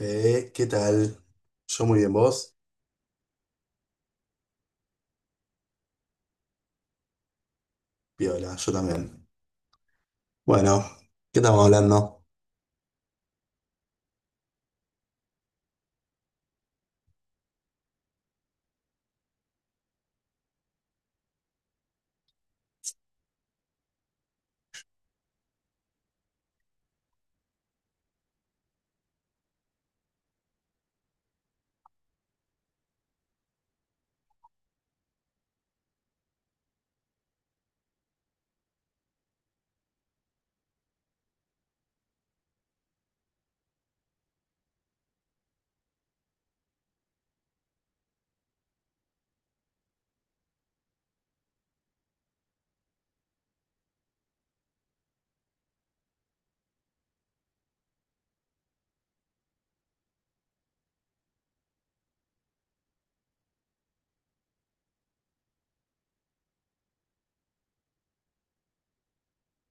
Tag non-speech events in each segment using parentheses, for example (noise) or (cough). ¿Qué tal? Yo muy bien, vos. Piola, yo también. Bueno, ¿qué estamos hablando?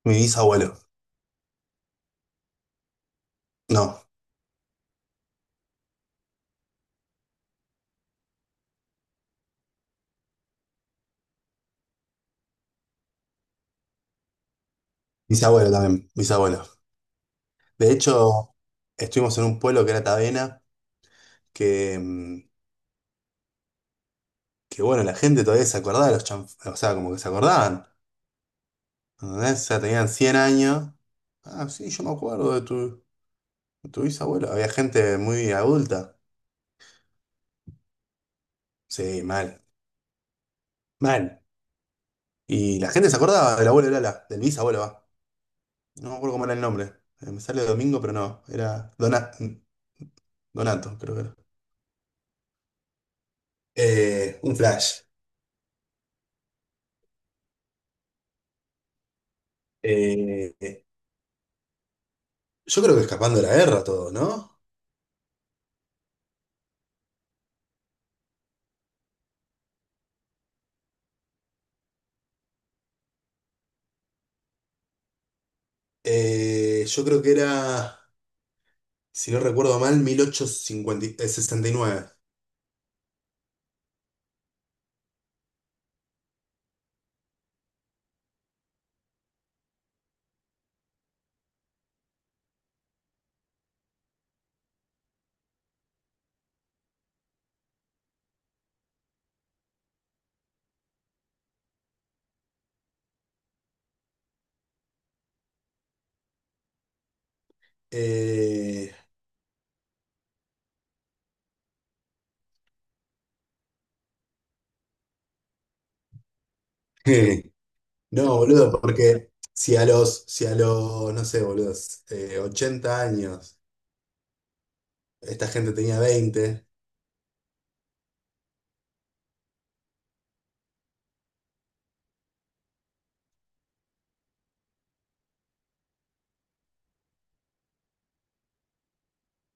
Mi bisabuelo. No, bisabuelo también, bisabuelo. De hecho, estuvimos en un pueblo que era Tavena, que, que bueno, la gente todavía se acordaba de los o sea, como que se acordaban. ¿Entendés? O sea, tenían 100 años. Ah, sí, yo me acuerdo de tu bisabuelo. Había gente muy adulta. Sí, mal, mal. Y la gente se acordaba del abuelo de Lala, del bisabuelo, va. No me acuerdo cómo era el nombre. Me sale Domingo, pero no. Era Donato, creo que era. Un flash. Eh, eh, yo creo que escapando de la guerra todo, ¿no? Yo creo que era, si no recuerdo mal, mil ochocientos cincuenta y sesenta y nueve. Eh, (laughs) no, boludo, porque si a los, no sé, boludos, 80 años, esta gente tenía 20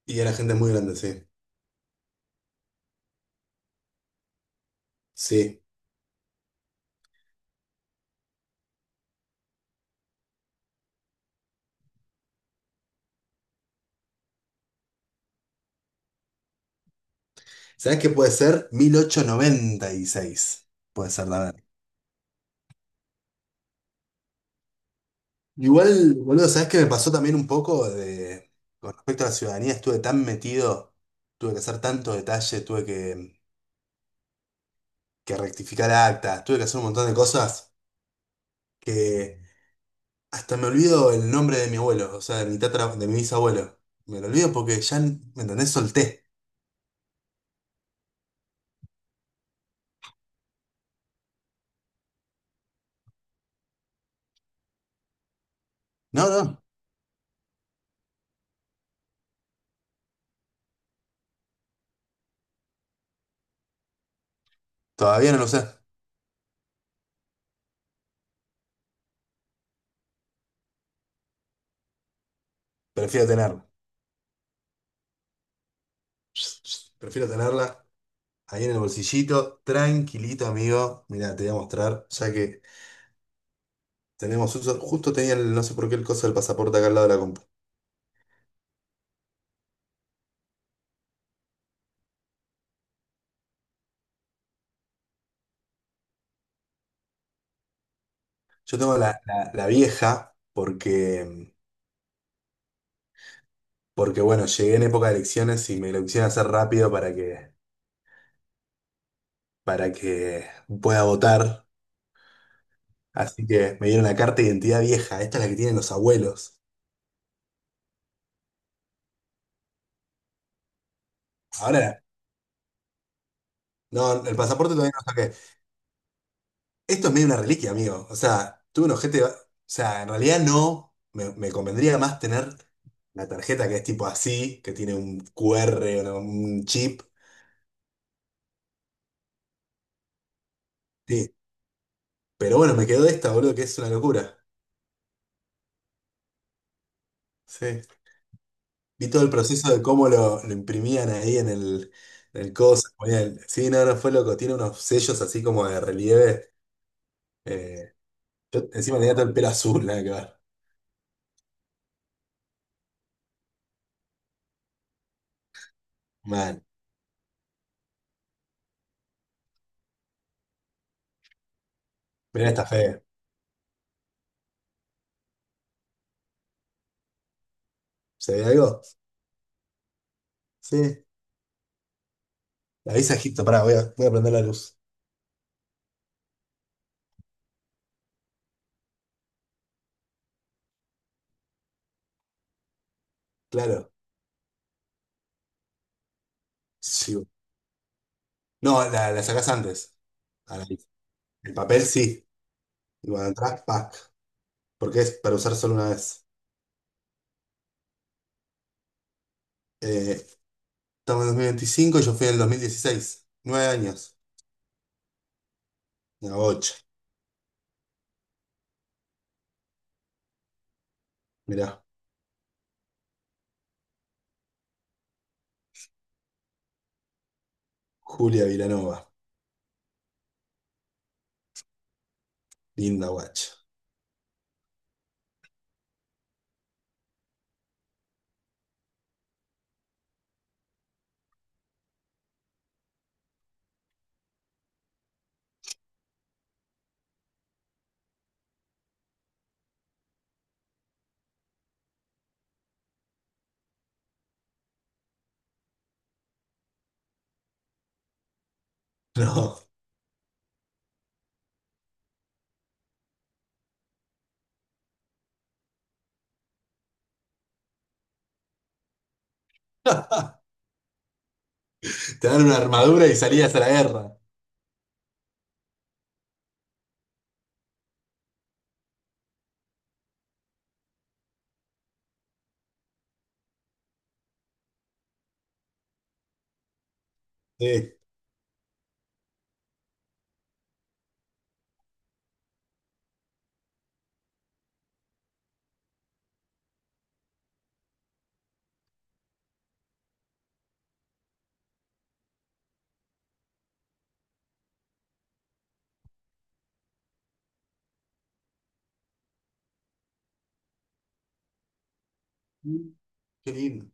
y era gente muy grande, sí. Sí. ¿Sabes qué puede ser? 1896. Puede ser, la verdad. Igual, boludo, ¿sabes qué me pasó también un poco de, con respecto a la ciudadanía? Estuve tan metido, tuve que hacer tanto detalle, tuve que rectificar actas, tuve que hacer un montón de cosas que hasta me olvido el nombre de mi abuelo, o sea, de mi tatra, de mi bisabuelo. Me lo olvido porque ya, ¿me entendés? Solté. No, no, todavía no lo sé. Prefiero tenerlo. Prefiero tenerla. Ahí en el bolsillito, tranquilito, amigo. Mira, te voy a mostrar, ya que tenemos uso. Justo tenía, el- no sé por qué, el coso del pasaporte acá al lado de la compu. Yo tengo la, la- la vieja, porque, porque bueno, llegué en época de elecciones y me lo quisieron hacer rápido para que pueda votar. Así que me dieron la carta de identidad vieja. Esta es la que tienen los abuelos. Ahora, no, el pasaporte todavía no saqué. Esto es medio una reliquia, amigo. O sea, tuve un ojete. O sea, en realidad no. Me convendría más tener la tarjeta que es tipo así, que tiene un QR, una- un chip. Sí. Pero bueno, me quedó esta, boludo, que es una locura. Sí. Vi todo el proceso de cómo lo imprimían ahí en el coso. Ponían- sí, no, no fue loco. Tiene unos sellos así como de relieve. Eh, yo encima tenía todo el pelo azul, (laughs) nada que ver. Man, mirá esta fe. ¿Se ve algo? Sí. Avisa, Egipto, pará, voy a, voy a prender la luz. Claro, sí. No, la sacás antes. A la- el papel sí. Y cuando atrás, pack. Porque es para usar solo una vez. Eh, estamos en 2025 y yo fui en el 2016. 9 años. Una bocha. Mirá, Julia Vilanova. Linda guacha. No. (laughs) Te dan una armadura y salías a la guerra. Sí. Qué lindo.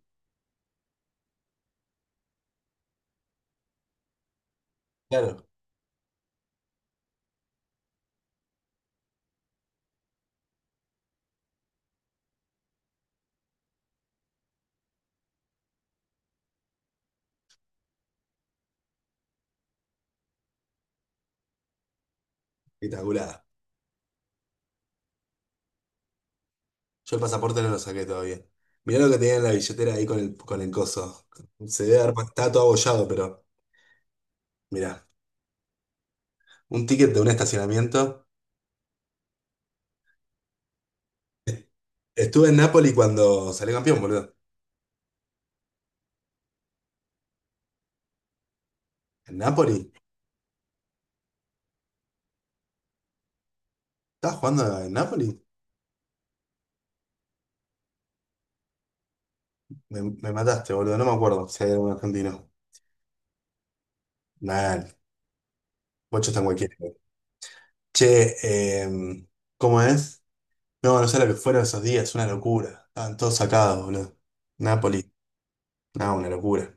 Claro, espectacular. Yo el pasaporte no lo saqué todavía. Mirá lo que tenía en la billetera ahí con el coso. Se debe haber, está todo abollado, pero mirá. Un ticket de un estacionamiento. Estuve en Napoli cuando salió campeón, boludo. ¿En Napoli? ¿Estabas jugando en Napoli? Me mataste, boludo. No me acuerdo si hay algún argentino. Nah, bocho está en cualquiera. Che, eh, ¿cómo es? No, no sé lo que fueron esos días, una locura. Estaban todos sacados, boludo. Napoli, no, una locura.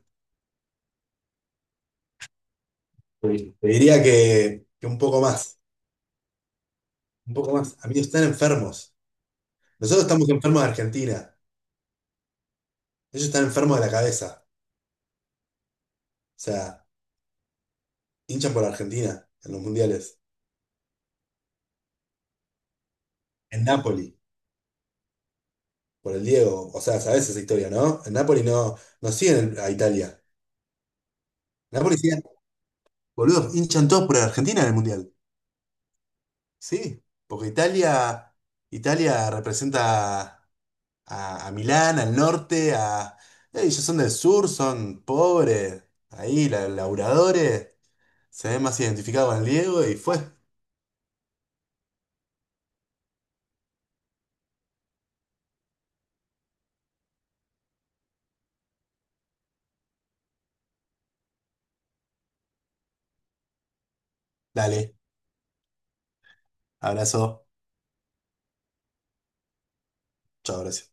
Sí. Te diría que un poco más, un poco más. Amigos, están enfermos. Nosotros estamos enfermos de Argentina. Ellos están enfermos de la cabeza. O sea, hinchan por Argentina en los mundiales, en Napoli, por el Diego, o sea, sabes esa historia, ¿no? En Napoli no, no siguen el- a Italia. En Napoli siguen, boludo, hinchan todos por Argentina en el mundial. Sí, porque Italia, Italia representa a Milán, al norte, a. Ellos son del sur, son pobres, ahí, la- laburadores, se ven más identificados con el Diego y fue. Dale, abrazo, chao, gracias.